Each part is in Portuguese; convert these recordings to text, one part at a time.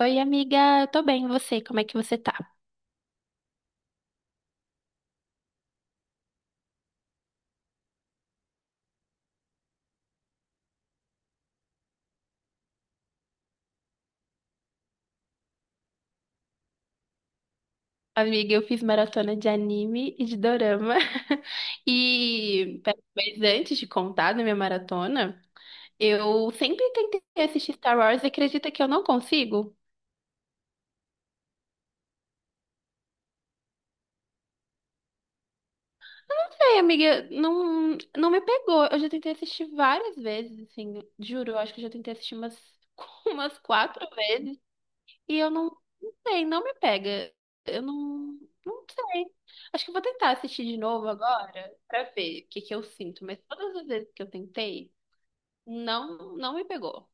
Oi, amiga, eu tô bem, e você? Como é que você tá? Amiga, eu fiz maratona de anime e de dorama. E, pera, mas antes de contar da minha maratona, eu sempre tentei assistir Star Wars e acredita que eu não consigo? Ai, amiga, não, não me pegou. Eu já tentei assistir várias vezes, assim, juro, eu acho que eu já tentei assistir umas, umas quatro vezes. E eu não, não sei, não me pega. Eu não, não sei. Acho que eu vou tentar assistir de novo agora pra ver o que que eu sinto. Mas todas as vezes que eu tentei, não, não me pegou.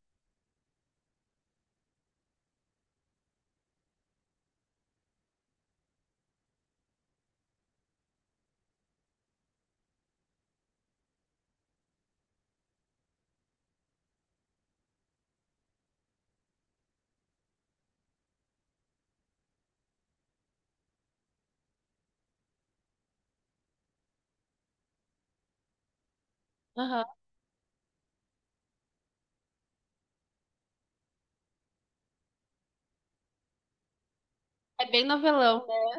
Aham. É bem novelão, né?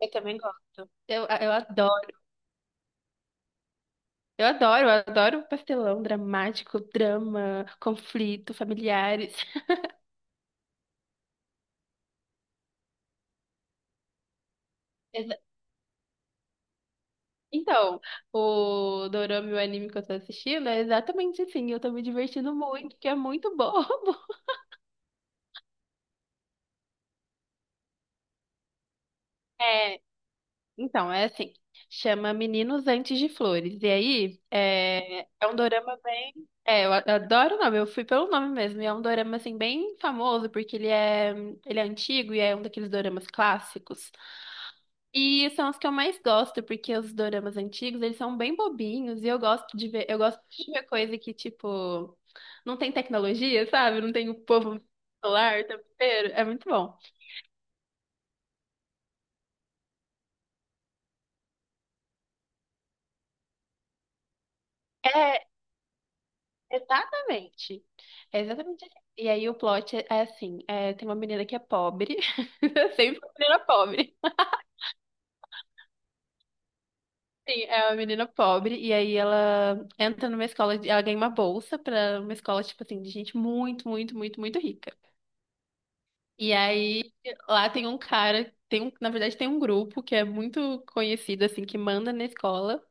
Eu também gosto. Eu adoro pastelão dramático, drama, conflito, familiares. Exa- Então, o dorama e o anime que eu tô assistindo é exatamente assim. Eu tô me divertindo muito, porque é muito bobo. Então, é assim, chama Meninos Antes de Flores. E aí, é, é um dorama bem. É, eu adoro o nome, eu fui pelo nome mesmo. E é um dorama, assim, bem famoso, porque ele é antigo e é um daqueles doramas clássicos. E são os que eu mais gosto, porque os doramas antigos, eles são bem bobinhos. E eu gosto de ver, eu gosto de ver coisa que, tipo, não tem tecnologia, sabe? Não tem o povo no celular o tempo inteiro. É muito bom. É, exatamente. É exatamente assim. E aí o plot é assim, é, tem uma menina que é pobre, sempre uma menina pobre. Sim, é uma menina pobre, e aí ela entra numa escola, ela ganha uma bolsa pra uma escola, tipo assim, de gente muito, muito, muito, muito rica. E aí lá tem um cara, tem um, na verdade tem um grupo que é muito conhecido, assim, que manda na escola.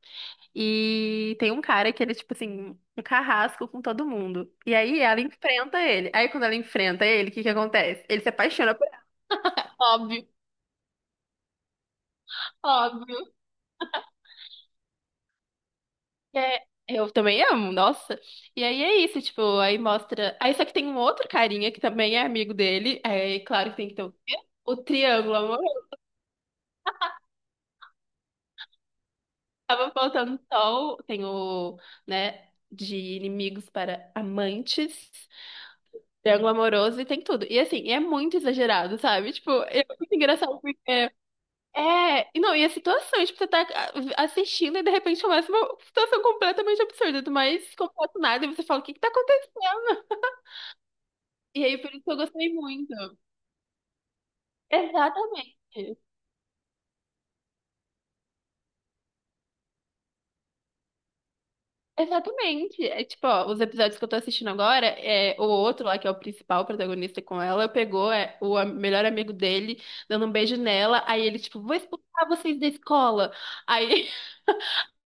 E tem um cara que ele é, tipo assim, um carrasco com todo mundo. E aí ela enfrenta ele. Aí quando ela enfrenta ele, o que que acontece? Ele se apaixona por ela. Óbvio, óbvio. É, eu também amo, nossa. E aí é isso, tipo, aí mostra. Aí só que tem um outro carinha que também é amigo dele. É claro que tem que ter o quê? O triângulo, amor. Tava faltando sol. Tem o, né, de inimigos para amantes. Triângulo amoroso e tem tudo. E assim, é muito exagerado, sabe? Tipo, é muito engraçado porque. É, e não, e as situações, tipo, você tá assistindo e de repente começa uma situação completamente absurda, do mais completo nada, e você fala, o que que tá acontecendo? E aí, por isso que eu gostei muito. Exatamente. Exatamente. É tipo, ó, os episódios que eu tô assistindo agora, é o outro lá, que é o principal protagonista com ela, pegou é, o melhor amigo dele, dando um beijo nela, aí ele, tipo, vou expulsar vocês da escola. Aí,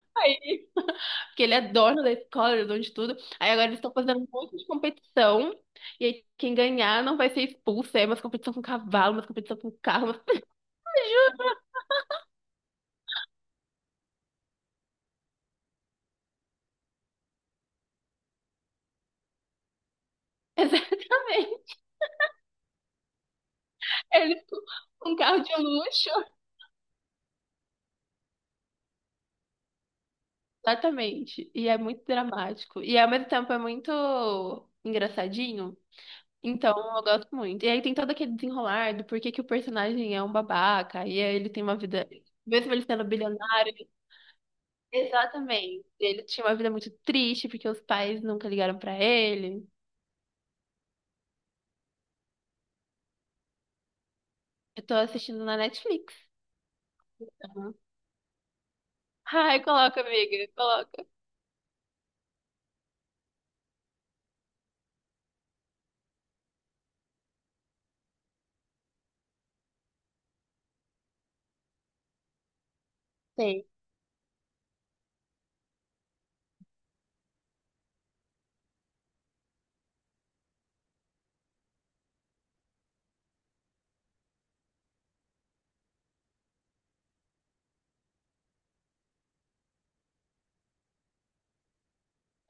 porque ele é dono da escola, ele é dono de tudo. Aí agora eles estão fazendo um monte de competição. E aí quem ganhar não vai ser expulso. Aí é umas competição com cavalo, umas competição com carro. Exatamente. É, eles com um carro de luxo. Exatamente. E é muito dramático. E ao mesmo tempo é muito engraçadinho. Então, eu gosto muito. E aí tem todo aquele desenrolar do porquê que o personagem é um babaca. E aí ele tem uma vida. Mesmo ele sendo bilionário. Exatamente. Ele tinha uma vida muito triste porque os pais nunca ligaram pra ele. Eu tô assistindo na Netflix. Uhum. Ai, coloca, amiga, coloca. Tem.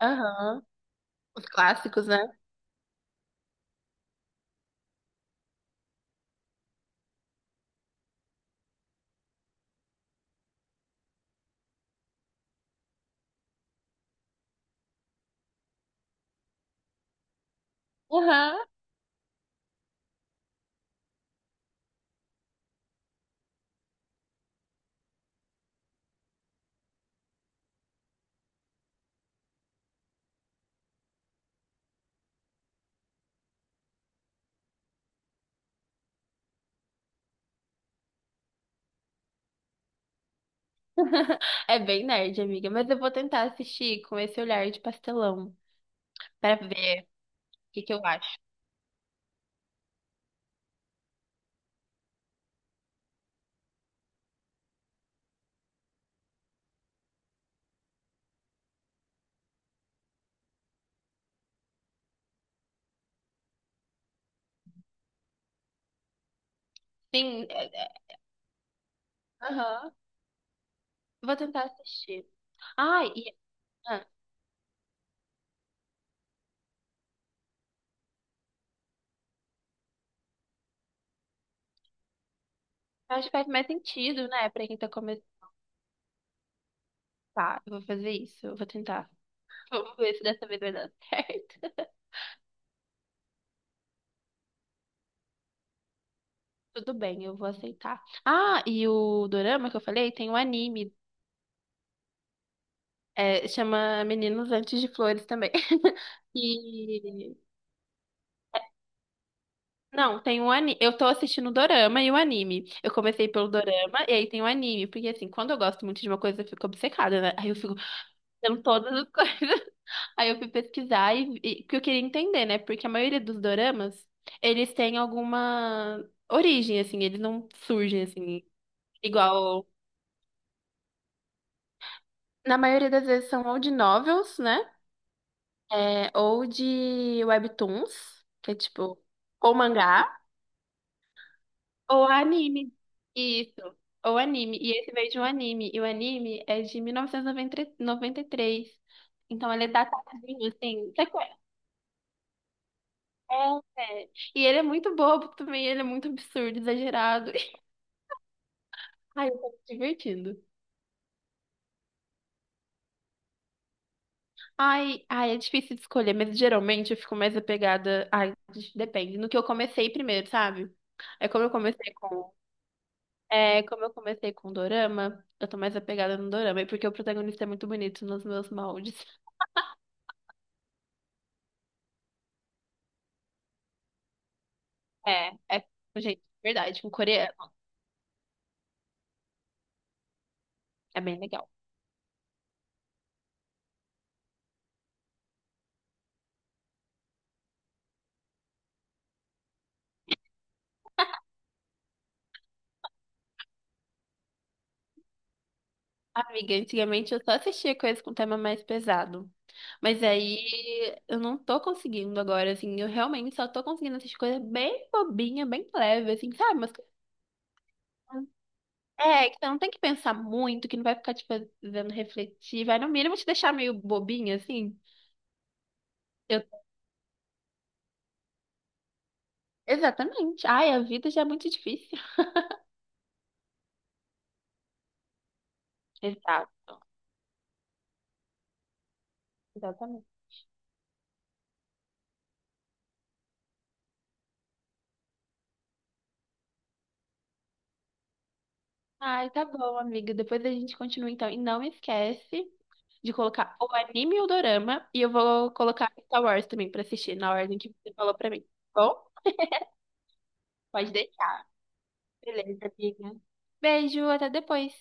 Aham. Os clássicos, né? Aham. É bem nerd, amiga, mas eu vou tentar assistir com esse olhar de pastelão pra ver o que que eu acho. Sim, aham. Vou tentar assistir. Ai, e ah, acho que faz mais sentido, né, pra quem tá começando. Tá, eu vou fazer isso, eu vou tentar. Vamos ver se dessa vez vai dar certo. Tudo bem, eu vou aceitar. Ah, e o dorama que eu falei tem um anime, é, chama Meninos Antes de Flores também. E não, tem um anime. Eu tô assistindo o dorama e o anime. Eu comecei pelo dorama e aí tem o anime, porque assim, quando eu gosto muito de uma coisa, eu fico obcecada, né? Aí eu fico vendo todas as coisas. Aí eu fui pesquisar e que eu queria entender, né? Porque a maioria dos doramas, eles têm alguma origem, assim, eles não surgem assim. Igual na maioria das vezes são ou de novels, né? É, ou de webtoons, que é tipo, ou mangá, ou anime. Isso, ou anime. E esse veio de um anime. E o anime é de mil novecentos e noventa e três. Então ele é datadinho, assim. Você conhece? É, é. E ele é muito bobo também, ele é muito absurdo, exagerado. Ai, eu tô me divertindo. Ai, ai, é difícil de escolher, mas geralmente eu fico mais apegada. Ai, depende. No que eu comecei primeiro, sabe? É como eu comecei com. É como eu comecei com Dorama, eu tô mais apegada no Dorama, e porque o protagonista é muito bonito nos meus moldes. É, é, gente, verdade, com coreano. É bem legal. Amiga, antigamente eu só assistia coisas com tema mais pesado. Mas aí eu não tô conseguindo agora, assim, eu realmente só tô conseguindo assistir coisa bem bobinha, bem leve, assim, sabe? Umas, é, que você não tem que pensar muito, que não vai ficar te fazendo refletir, vai no mínimo te deixar meio bobinha, assim. Eu... Exatamente. Ai, a vida já é muito difícil. Exato, exatamente. Ai, tá bom, amiga. Depois a gente continua então. E não esquece de colocar o anime e o dorama. E eu vou colocar Star Wars também pra assistir na ordem que você falou pra mim. Tá bom? Pode deixar. Beleza, amiga. Beijo, até depois.